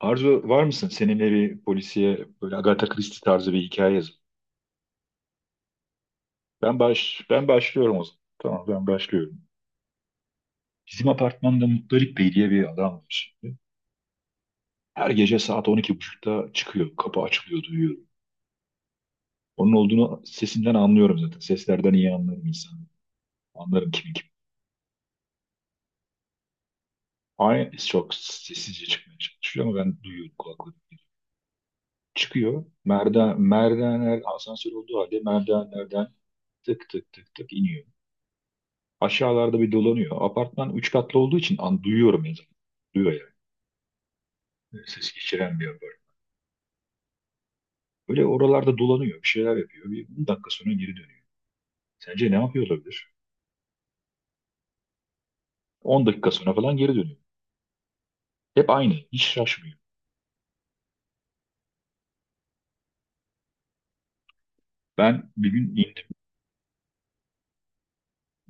Arzu var mısın? Seninle bir polisiye böyle Agatha Christie tarzı bir hikaye yazın. Ben başlıyorum o zaman. Tamam ben başlıyorum. Bizim apartmanda Muttalip Bey diye bir adam var şimdi. Her gece saat on iki buçukta çıkıyor. Kapı açılıyor duyuyorum. Onun olduğunu sesinden anlıyorum zaten. Seslerden iyi anlarım insanı. Anlarım kimin kim. Aynı çok sessizce çıkmaya çalışıyor ama ben duyuyorum kulaklarım. Çıkıyor. Merdivenler asansör olduğu halde merdivenlerden tık tık tık tık iniyor. Aşağılarda bir dolanıyor. Apartman 3 katlı olduğu için an duyuyorum ya zaten. Duyuyor yani. Ses geçiren bir apartman. Böyle oralarda dolanıyor. Bir şeyler yapıyor. Bir 10 dakika sonra geri dönüyor. Sence ne yapıyor olabilir? 10 dakika sonra falan geri dönüyor. Hep aynı. Hiç şaşmıyor. Ben bir gün indim.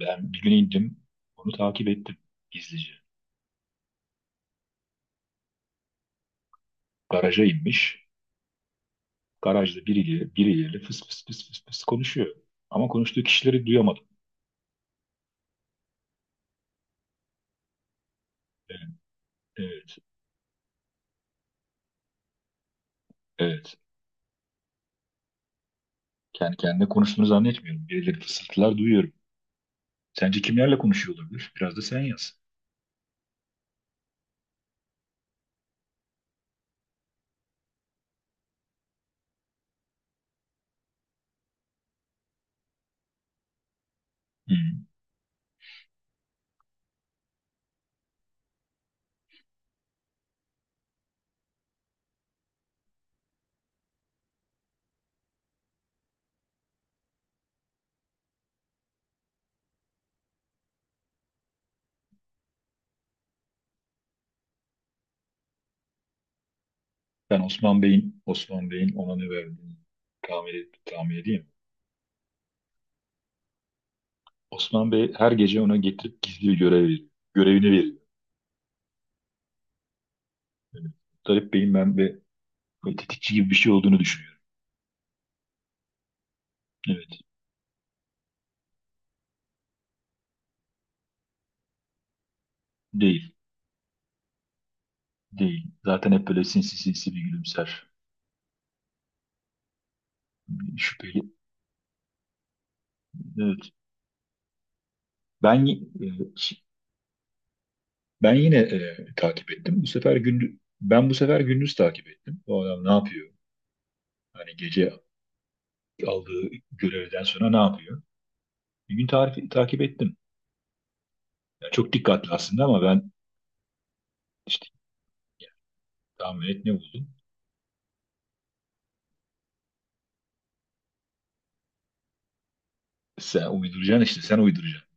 Ben bir gün indim. Onu takip ettim. Gizlice. Garaja inmiş. Garajda biriyle fıs fıs fıs fıs fıs konuşuyor. Ama konuştuğu kişileri duyamadım. Evet, evet. Evet. Kendi kendine konuştuğunu zannetmiyorum. Birileri fısıltılar duyuyorum. Sence kimlerle konuşuyor olabilir? Biraz da sen yaz. Hı. Ben Osman Bey'in ona ne verdiğini tahmin edeyim. Osman Bey her gece ona getirip gizli bir görev veriyor. Görevini veriyor. Evet. Tarık Bey'in ben ve ve tetikçi gibi bir şey olduğunu düşünüyorum. Evet. Değil. Değil. Zaten hep böyle sinsi sinsi bir gülümser. Şüpheli. Evet. Ben y- e, Ben yine takip ettim. Bu sefer gündüz bu sefer gündüz takip ettim. Bu adam ne yapıyor? Hani gece aldığı görevden sonra ne yapıyor? Bir gün takip ettim. Ya çok dikkatli aslında ama ben işte tahmin et ne buldum. Sen uyduracaksın işte sen uyduracaksın.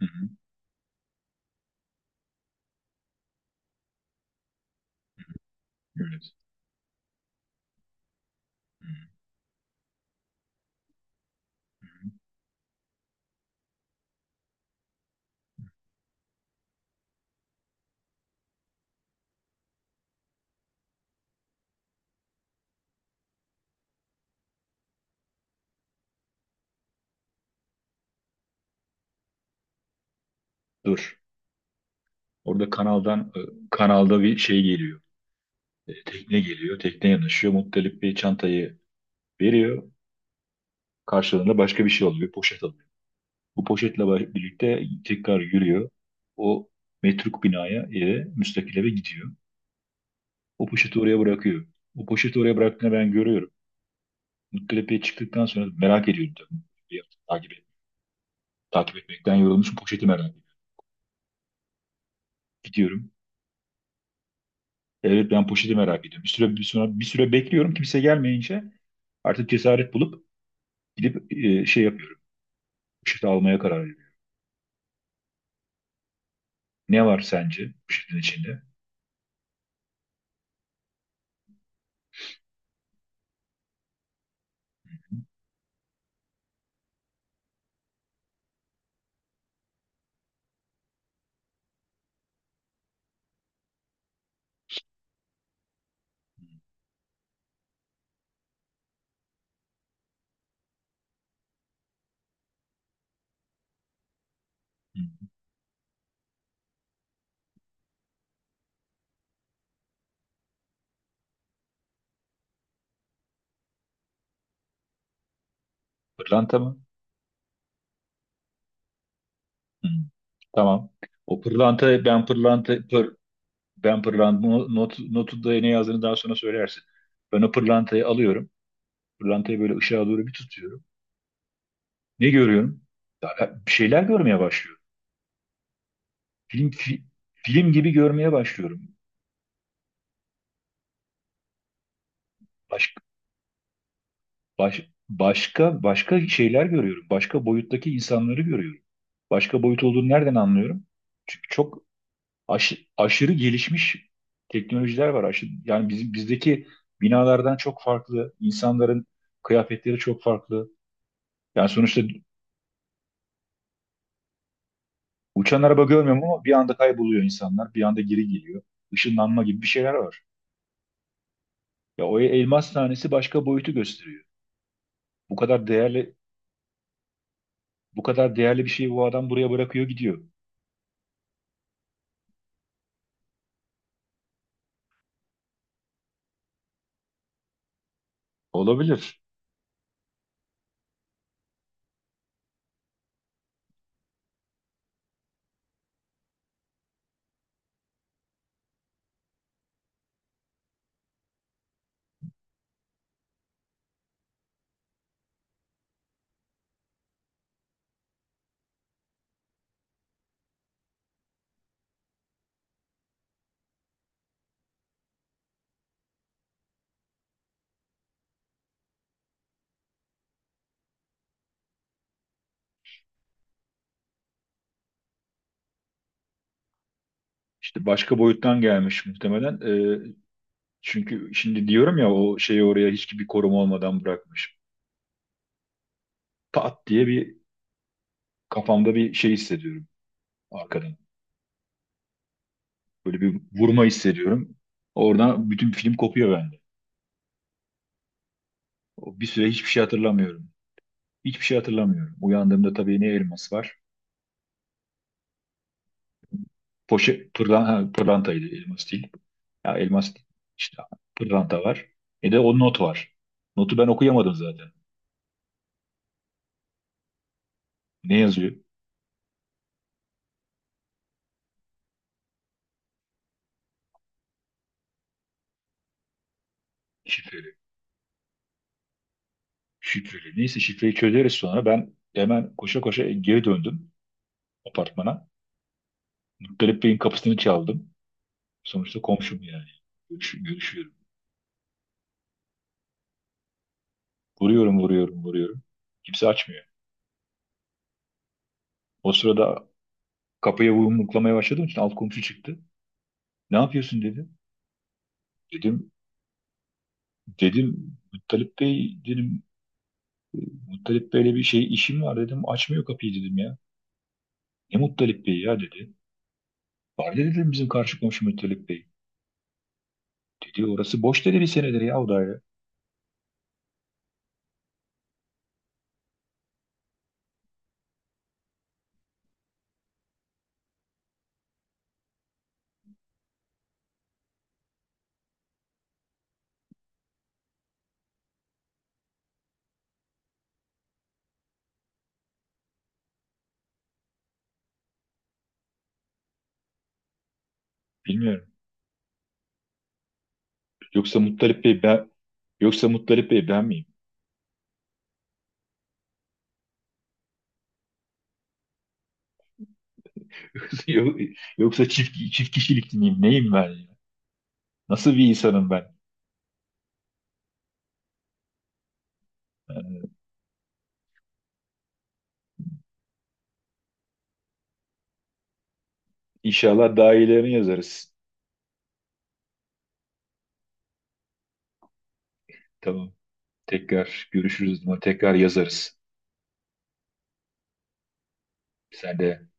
Hı hı. Evet. Dur. Orada kanalda bir şey geliyor. Tekne geliyor. Tekne yanaşıyor. Muttalip bir çantayı veriyor. Karşılığında başka bir şey oluyor. Bir poşet alıyor. Bu poşetle birlikte tekrar yürüyor. O müstakil eve gidiyor. O poşeti oraya bırakıyor. O poşeti oraya bıraktığını ben görüyorum. Muttalip'e çıktıktan sonra merak ediyorum tabii. Bir takip Takip etmekten yorulmuşum. Poşeti merak ediyorum. Gidiyorum. Evet ben poşeti merak ediyorum. Bir süre bekliyorum. Kimse gelmeyince artık cesaret bulup gidip yapıyorum. Poşeti almaya karar veriyorum. Ne var sence poşetin içinde? Hı. Pırlanta mı? Hı. Tamam. O pırlanta ben pırlanta pır, ben pırlanta not, notu da ne yazdığını daha sonra söylersin. Ben o pırlantayı alıyorum. Pırlantayı böyle ışığa doğru bir tutuyorum. Ne görüyorum? Ya, bir şeyler görmeye başlıyorum. Film fi- Film gibi görmeye başlıyorum. Baş, Başka başka şeyler görüyorum. Başka boyuttaki insanları görüyorum. Başka boyut olduğunu nereden anlıyorum? Çünkü çok aşırı gelişmiş teknolojiler var. Yani bizdeki binalardan çok farklı, insanların kıyafetleri çok farklı. Yani sonuçta uçan araba görmüyorum ama bir anda kayboluyor insanlar, bir anda geri geliyor. Işınlanma gibi bir şeyler var. Ya o elmas tanesi başka boyutu gösteriyor. Bu kadar değerli, Bu kadar değerli bir şeyi bu adam buraya bırakıyor gidiyor. Olabilir. İşte başka boyuttan gelmiş muhtemelen. Ee, Çünkü şimdi diyorum ya o şeyi oraya hiç bir koruma olmadan bırakmış. Pat diye kafamda bir şey hissediyorum arkadan. Böyle bir vurma hissediyorum. Oradan bütün film kopuyor bende. Bir süre hiçbir şey hatırlamıyorum. Hiçbir şey hatırlamıyorum. Uyandığımda tabii ne elmas var? Pırlantaydı, elmas değil. Ya elmas değil. İşte pırlanta var. E de o not var. Notu ben okuyamadım zaten. Ne yazıyor? Şifreli. Neyse şifreyi çözeriz sonra. Ben hemen koşa koşa geri döndüm apartmana. Galip Bey'in kapısını çaldım. Sonuçta komşum yani. Görüşüyorum. Vuruyorum, vuruyorum, vuruyorum. Kimse açmıyor. O sırada kapıya yumruklamaya başladığım için alt komşu çıktı. Ne yapıyorsun dedi. Dedim, Dedim Muttalip Bey, dedim Muttalip Bey'le bir şey işim var dedim. Açmıyor kapıyı dedim ya. Ne Muttalip Bey ya dedi. Var dedi, dedim bizim karşı komşu Muttalip Bey. Dedi orası boş dedi bir senedir ya o daire. Bilmiyorum. Yoksa Muttalip Bey ben Yoksa Muttalip Bey ben miyim? Yok- Yoksa çift kişilik miyim? Neyim ben ya? Nasıl bir insanım ben? İnşallah daha iyilerini yazarız. Tamam. Tekrar görüşürüz. Tekrar yazarız. Sen de